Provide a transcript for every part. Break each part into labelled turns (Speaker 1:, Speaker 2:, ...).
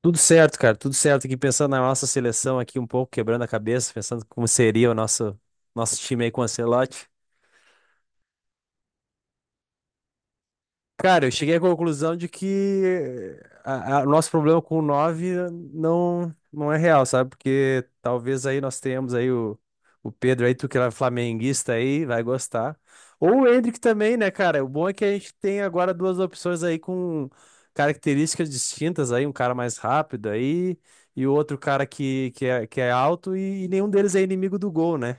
Speaker 1: Tudo certo, cara, tudo certo. Aqui pensando na nossa seleção aqui um pouco, quebrando a cabeça, pensando como seria o nosso time aí com o Ancelotti. Cara, eu cheguei à conclusão de que o nosso problema com o 9 não é real, sabe? Porque talvez aí nós tenhamos aí o Pedro aí, tu que é flamenguista aí, vai gostar. Ou o Endrick também, né, cara? O bom é que a gente tem agora duas opções aí com características distintas aí, um cara mais rápido aí e o outro cara que é alto e nenhum deles é inimigo do gol, né?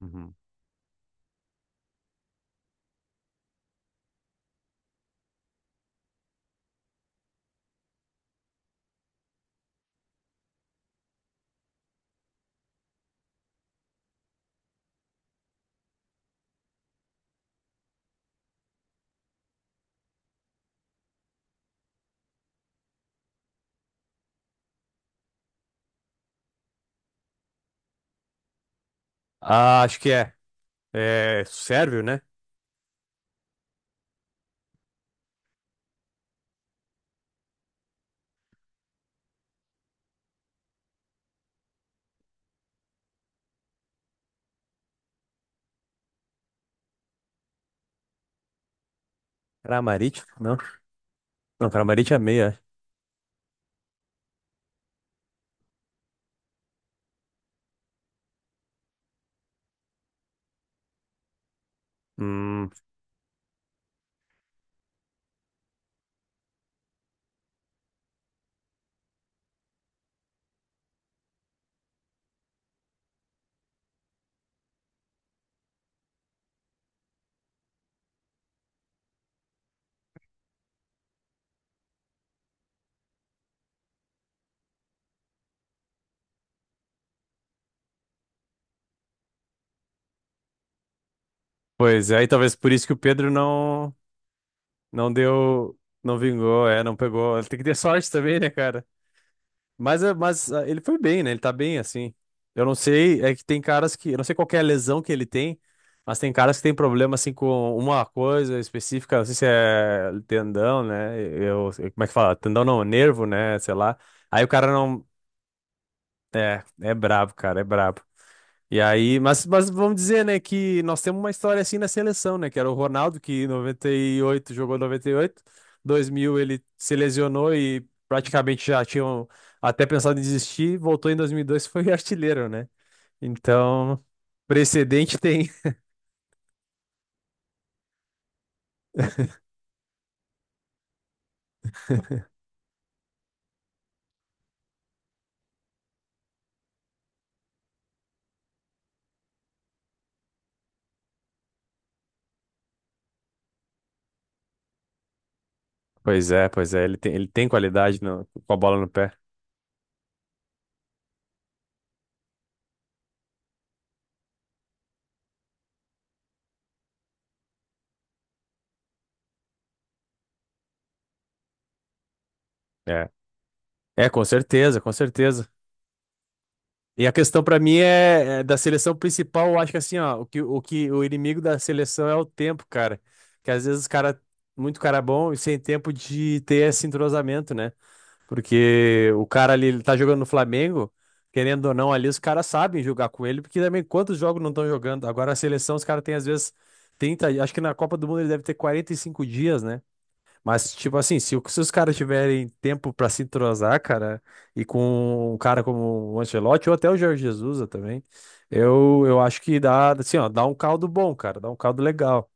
Speaker 1: Uhum. Ah, acho que é. É sérvio, né? Kramaric? Não, não, Kramaric é meia. Hum, Pois é, e talvez por isso que o Pedro não deu, não vingou, é, não pegou. Ele tem que ter sorte também, né, cara? Mas ah, ele foi bem, né? Ele tá bem, assim. Eu não sei, é que tem caras que, eu não sei qual que é a lesão que ele tem, mas tem caras que tem problema, assim, com uma coisa específica, não sei se é tendão, né? Como é que fala? Tendão não, nervo, né? Sei lá. Aí o cara não, é brabo, cara, é brabo. E aí, mas vamos dizer, né, que nós temos uma história assim na seleção, né, que era o Ronaldo, que em 98 jogou noventa e oito 2000 ele se lesionou e praticamente já tinham até pensado em desistir, voltou em 2002 e dois e foi artilheiro, né? Então, precedente tem. Pois é, ele tem qualidade com a bola no pé. É, é, com certeza, com certeza. E a questão pra mim é da seleção principal, eu acho que assim, ó, o que o inimigo da seleção é o tempo, cara. Que às vezes os cara, muito cara bom e sem tempo de ter esse entrosamento, né? Porque o cara ali, ele tá jogando no Flamengo, querendo ou não, ali os caras sabem jogar com ele, porque também quantos jogos não estão jogando? Agora a seleção, os caras têm às vezes 30, acho que na Copa do Mundo ele deve ter 45 dias, né? Mas, tipo assim, se os caras tiverem tempo pra se entrosar, cara, e com um cara como o Ancelotti ou até o Jorge Jesus também, eu acho que dá, assim, ó, dá um caldo bom, cara, dá um caldo legal.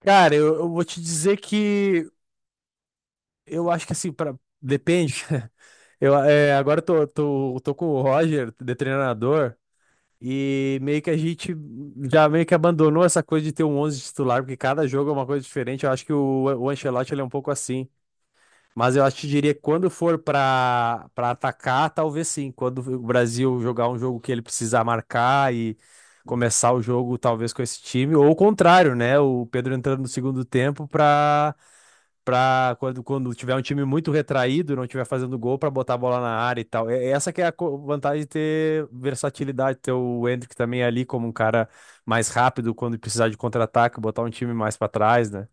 Speaker 1: Cara, eu vou te dizer que eu acho que assim, pra, depende. Agora eu tô com o Roger, de treinador, e meio que a gente já meio que abandonou essa coisa de ter um 11 titular, porque cada jogo é uma coisa diferente. Eu acho que o Ancelotti ele é um pouco assim. Mas eu acho que diria que quando for para atacar, talvez sim. Quando o Brasil jogar um jogo que ele precisar marcar e começar o jogo talvez com esse time, ou o contrário, né? O Pedro entrando no segundo tempo para quando tiver um time muito retraído, não tiver fazendo gol para botar a bola na área e tal. Essa que é a vantagem de ter versatilidade, ter o Endrick também ali como um cara mais rápido quando precisar de contra-ataque, botar um time mais para trás, né?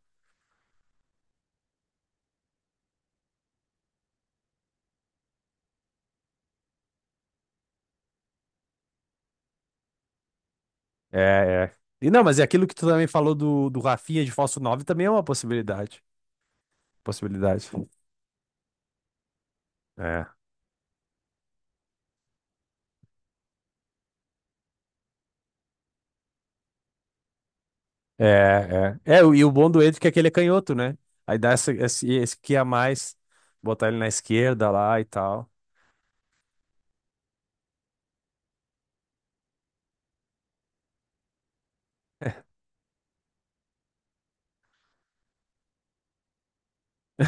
Speaker 1: É, é. E não, mas é aquilo que tu também falou do Rafinha de falso 9 também é uma possibilidade. Possibilidade. É. É, é. É, o- e o bom do Hendrick é que ele é canhoto, né? Aí dá essa, esse que a mais, botar ele na esquerda lá e tal.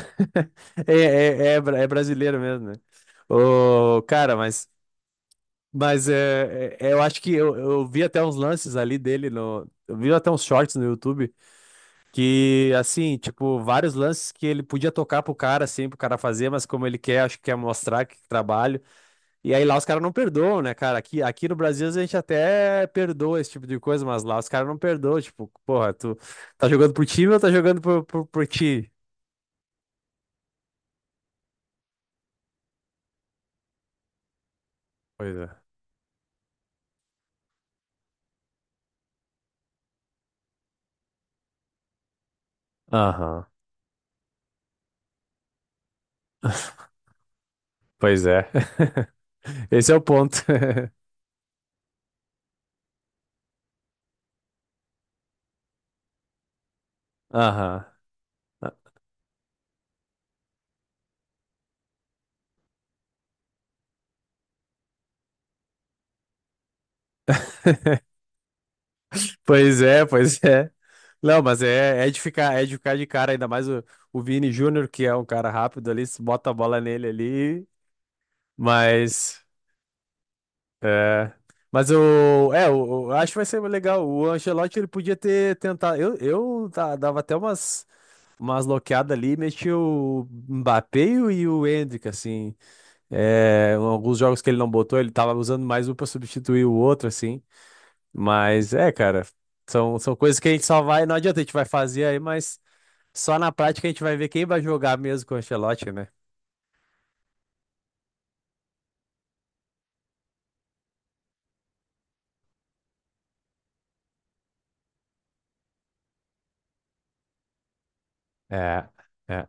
Speaker 1: É, é, é, é brasileiro mesmo, né? Ô, cara, mas eu acho que eu vi até uns lances ali dele no. Eu vi até uns shorts no YouTube que, assim, tipo, vários lances que ele podia tocar pro cara, assim, pro cara fazer, mas como ele quer, acho que quer mostrar que trabalho. E aí lá os caras não perdoam, né, cara? Aqui no Brasil às vezes, a gente até perdoa esse tipo de coisa, mas lá os caras não perdoam. Tipo, porra, tu tá jogando pro time ou tá jogando por ti? Pois é. Aham. Pois é. Esse é o ponto. Aham. Pois é, pois é. Não, mas é de ficar, é de ficar de cara, ainda mais o Vini Júnior, que é um cara rápido ali, se bota a bola nele ali, mas é, mas o é, acho que vai ser legal. O Ancelotti ele podia ter tentado. Dava até umas loqueadas ali, metia o Mbappé e o Endrick assim. É, alguns jogos que ele não botou, ele tava usando mais um pra substituir o outro assim. Mas é, cara, são coisas que a gente só vai, não adianta a gente vai fazer aí, mas só na prática a gente vai ver quem vai jogar mesmo com o Ancelotti, né? É, é.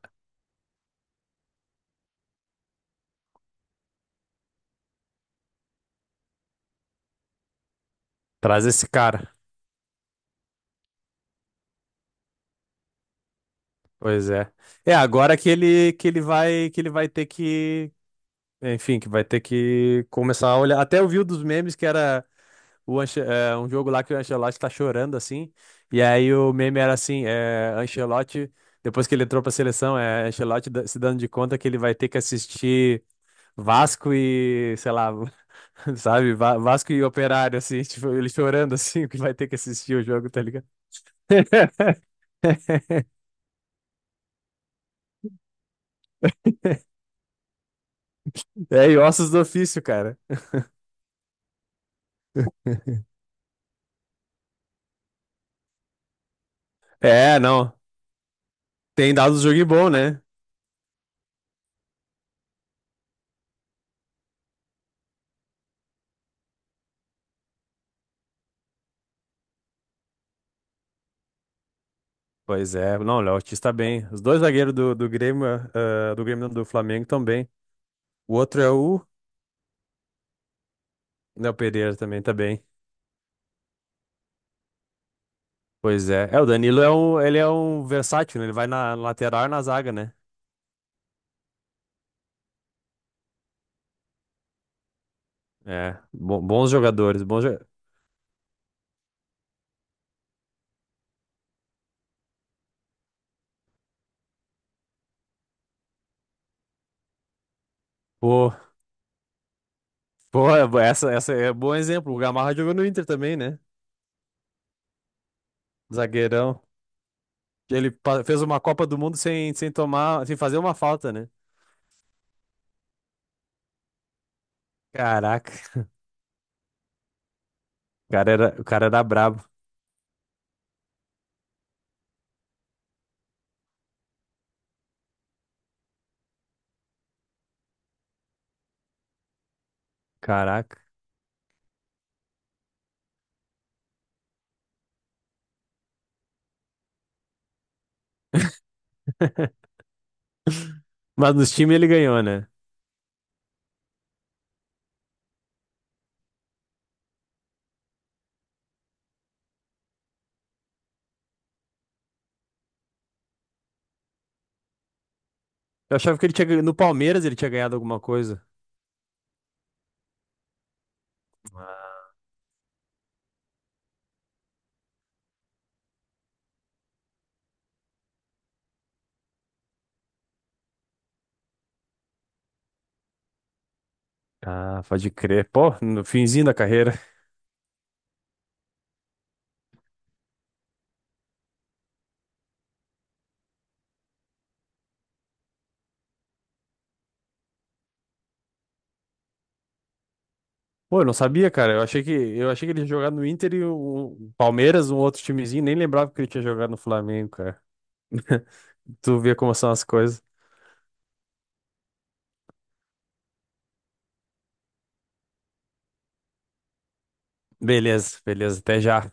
Speaker 1: Traz esse cara. Pois é. É agora que ele que ele vai ter que, enfim, que vai ter que começar a olhar. Até eu vi um dos memes que era um jogo lá que o Ancelotti tá chorando assim. E aí o meme era assim, Ancelotti, depois que ele entrou pra seleção, é Ancelotti se dando de conta que ele vai ter que assistir Vasco e, sei lá, sabe? Vasco e Operário, assim, tipo, ele chorando, assim, que vai ter que assistir o jogo, tá ligado? É, e ossos do ofício, cara. É, não. Tem dado o jogo e bom, né? Pois é. Não, o Léo Ortiz tá bem. Os dois zagueiros do Grêmio, ah, do Grêmio não, do Flamengo estão bem. O outro é o Léo Pereira também tá bem. Pois é. É, o Danilo é um, ele é um versátil, né? Ele vai na lateral e na zaga, né? É, bons jogadores, bons jogadores. Pô, essa é bom exemplo. O Gamarra jogou no Inter também, né? Zagueirão. Ele fez uma Copa do Mundo sem tomar, sem fazer uma falta, né? Caraca. O cara era brabo. Caraca. Mas nos times ele ganhou, né? Eu achava que ele no Palmeiras ele tinha ganhado alguma coisa. Ah, pode crer. Pô, no finzinho da carreira. Pô, eu não sabia, cara. Eu achei que ele tinha jogado no Inter e o Palmeiras, um outro timezinho, nem lembrava que ele tinha jogado no Flamengo, cara. Tu vê como são as coisas. Beleza, beleza, até já.